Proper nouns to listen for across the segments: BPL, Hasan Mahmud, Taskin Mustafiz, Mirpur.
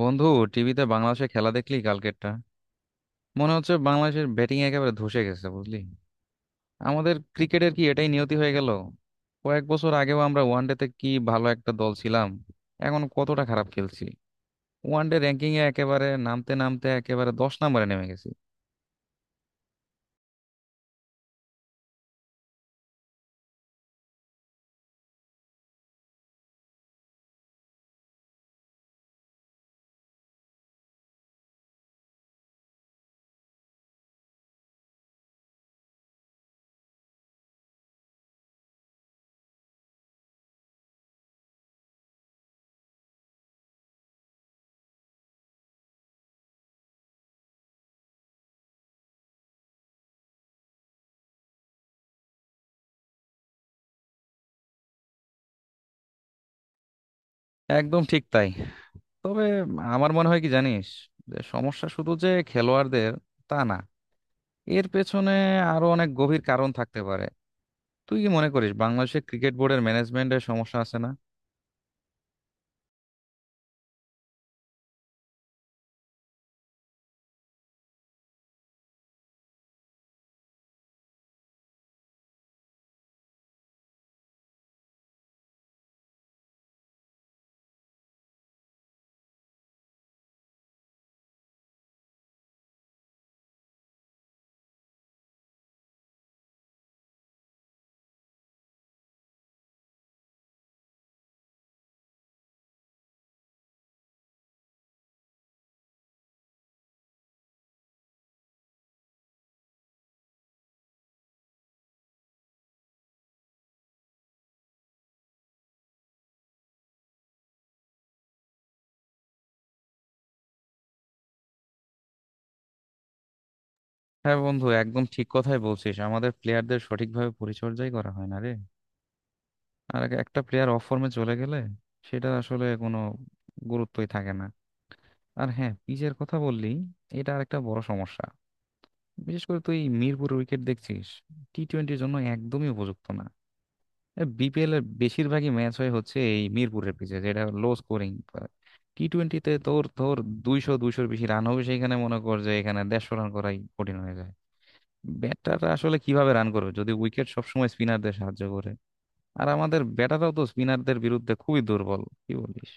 বন্ধু, টিভিতে বাংলাদেশের খেলা দেখলি কালকেরটা? মনে হচ্ছে বাংলাদেশের ব্যাটিং একেবারে ধসে গেছে, বুঝলি। আমাদের ক্রিকেটের কি এটাই নিয়তি হয়ে গেল? কয়েক বছর আগেও আমরা ওয়ানডেতে কি ভালো একটা দল ছিলাম, এখন কতটা খারাপ খেলছি। ওয়ানডে র্যাঙ্কিং এ একেবারে নামতে নামতে একেবারে 10 নম্বরে নেমে গেছি। একদম ঠিক তাই। তবে আমার মনে হয় কি জানিস, যে সমস্যা শুধু যে খেলোয়াড়দের তা না, এর পেছনে আরো অনেক গভীর কারণ থাকতে পারে। তুই কি মনে করিস বাংলাদেশের ক্রিকেট বোর্ডের ম্যানেজমেন্টের সমস্যা আছে না? হ্যাঁ বন্ধু, একদম ঠিক কথাই বলছিস, আমাদের প্লেয়ারদের সঠিকভাবে পরিচর্যাই করা হয় না রে। আর একটা প্লেয়ার অফ ফর্মে চলে গেলে সেটা আসলে কোনো গুরুত্বই থাকে না। আর হ্যাঁ, পিচের কথা বললি, এটা আর একটা বড় সমস্যা। বিশেষ করে তুই মিরপুর উইকেট দেখছিস, টি টোয়েন্টির জন্য একদমই উপযুক্ত না। বিপিএল এর বেশিরভাগই ম্যাচ হচ্ছে এই মিরপুরের পিচে, যেটা লো স্কোরিং। টি টোয়েন্টিতে তোর তোর 200 200-র বেশি রান হবে, সেইখানে মনে কর যে এখানে 150 রান করাই কঠিন হয়ে যায়। ব্যাটাররা আসলে কিভাবে রান করবে যদি উইকেট সবসময় স্পিনারদের সাহায্য করে? আর আমাদের ব্যাটাররাও তো স্পিনারদের বিরুদ্ধে খুবই দুর্বল, কি বলিস?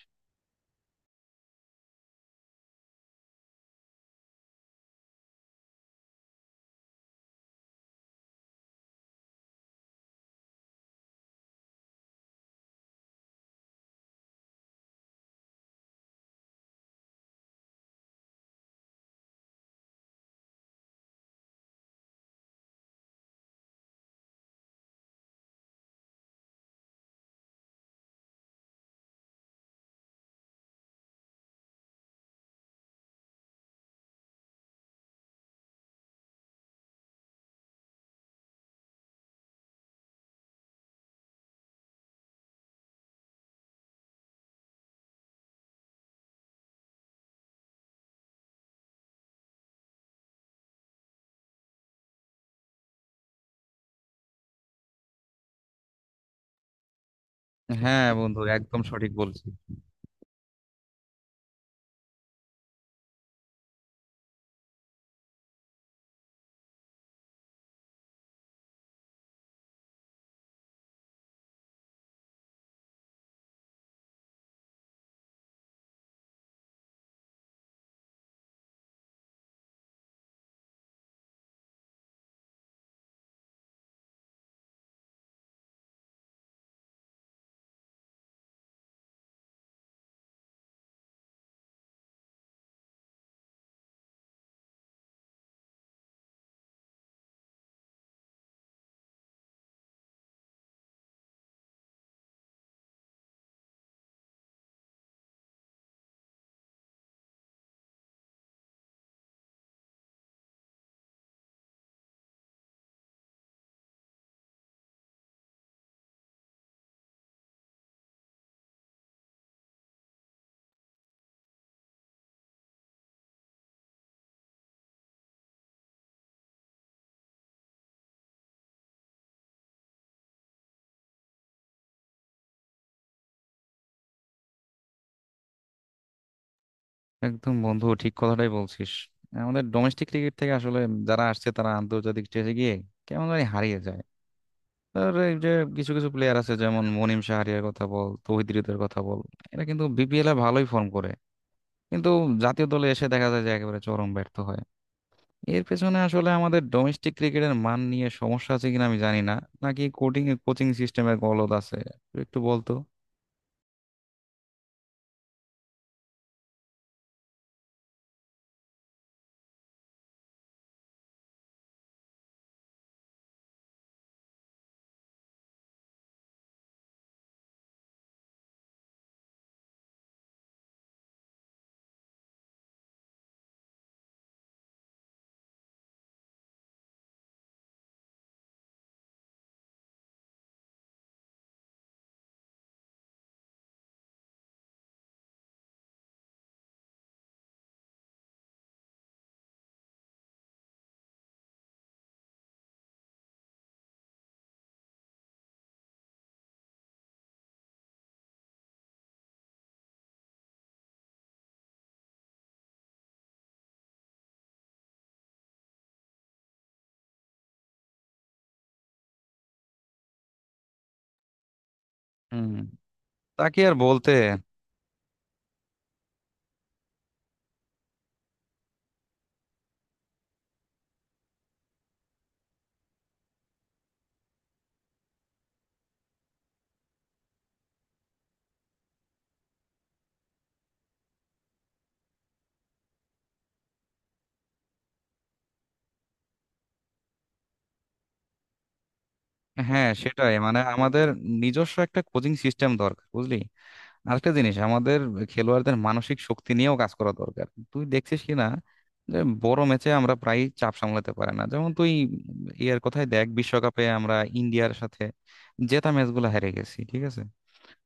হ্যাঁ বন্ধু, একদম সঠিক বলছিস। একদম বন্ধু ঠিক কথাটাই বলছিস। আমাদের ডোমেস্টিক ক্রিকেট থেকে আসলে যারা আসছে তারা আন্তর্জাতিক স্টেজে গিয়ে কেমন জানি হারিয়ে যায়। আর এই যে কিছু কিছু প্লেয়ার আছে, যেমন মনিম শাহরিয়ার কথা বল, তৌহিদ হৃদয়ের কথা বল, এরা কিন্তু বিপিএল এ ভালোই ফর্ম করে, কিন্তু জাতীয় দলে এসে দেখা যায় যে একেবারে চরম ব্যর্থ হয়। এর পেছনে আসলে আমাদের ডোমেস্টিক ক্রিকেটের মান নিয়ে সমস্যা আছে কিনা আমি জানি না, নাকি কোচিং কোচিং সিস্টেমের গলদ আছে, একটু বলতো। হুম। তাকে আর বলতে। হ্যাঁ, সেটাই, মানে আমাদের নিজস্ব একটা কোচিং সিস্টেম দরকার, বুঝলি। আরেকটা জিনিস, আমাদের খেলোয়াড়দের মানসিক শক্তি নিয়েও কাজ করা দরকার। তুই দেখছিস কি না যে বড় ম্যাচে আমরা প্রায় চাপ সামলাতে পারে না? যেমন তুই ইয়ার কথাই দেখ, বিশ্বকাপে আমরা ইন্ডিয়ার সাথে জেতা ম্যাচগুলো হেরে গেছি, ঠিক আছে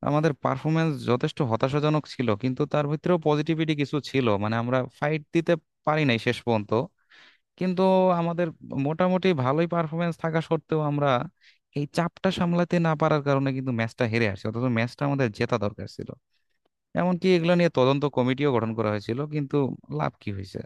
আমাদের পারফরমেন্স যথেষ্ট হতাশাজনক ছিল কিন্তু তার ভিতরেও পজিটিভিটি কিছু ছিল, মানে আমরা ফাইট দিতে পারি নাই শেষ পর্যন্ত। কিন্তু আমাদের মোটামুটি ভালোই পারফরমেন্স থাকা সত্ত্বেও আমরা এই চাপটা সামলাতে না পারার কারণে কিন্তু ম্যাচটা হেরে আসছি, অথচ ম্যাচটা আমাদের জেতা দরকার ছিল। এমনকি এগুলো নিয়ে তদন্ত কমিটিও গঠন করা হয়েছিল, কিন্তু লাভ কি হয়েছে?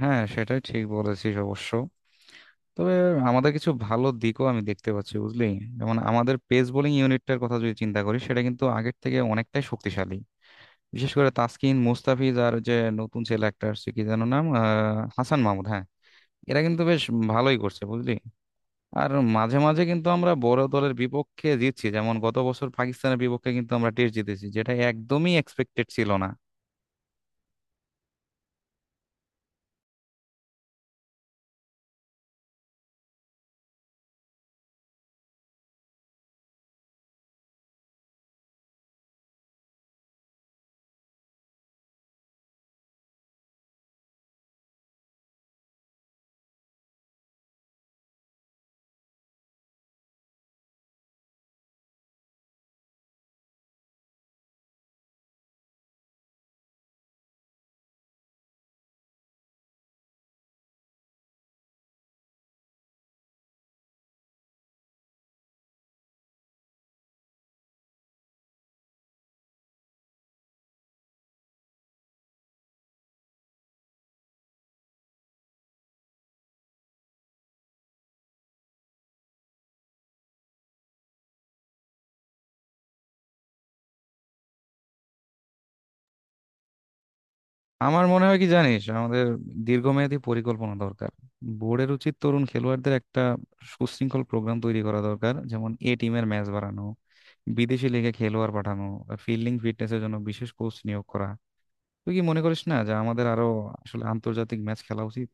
হ্যাঁ, সেটাই ঠিক বলেছিস অবশ্য। তবে আমাদের কিছু ভালো দিকও আমি দেখতে পাচ্ছি, বুঝলি। যেমন আমাদের পেস বোলিং ইউনিটটার কথা যদি চিন্তা করি, সেটা কিন্তু আগের থেকে অনেকটাই শক্তিশালী। বিশেষ করে তাসকিন, মুস্তাফিজ, আর যে নতুন ছেলে একটা আসছে, কি যেন নাম, হাসান মাহমুদ, হ্যাঁ, এরা কিন্তু বেশ ভালোই করছে, বুঝলি। আর মাঝে মাঝে কিন্তু আমরা বড় দলের বিপক্ষে জিতছি, যেমন গত বছর পাকিস্তানের বিপক্ষে কিন্তু আমরা টেস্ট জিতেছি, যেটা একদমই এক্সপেক্টেড ছিল না। আমার মনে হয় কি জানিস, আমাদের দীর্ঘমেয়াদী পরিকল্পনা দরকার। বোর্ডের উচিত তরুণ খেলোয়াড়দের একটা সুশৃঙ্খল প্রোগ্রাম তৈরি করা দরকার, যেমন এ টিমের ম্যাচ বাড়ানো, বিদেশি লিগে খেলোয়াড় পাঠানো, ফিল্ডিং ফিটনেসের জন্য বিশেষ কোচ নিয়োগ করা। তুই কি মনে করিস না যে আমাদের আরো আসলে আন্তর্জাতিক ম্যাচ খেলা উচিত?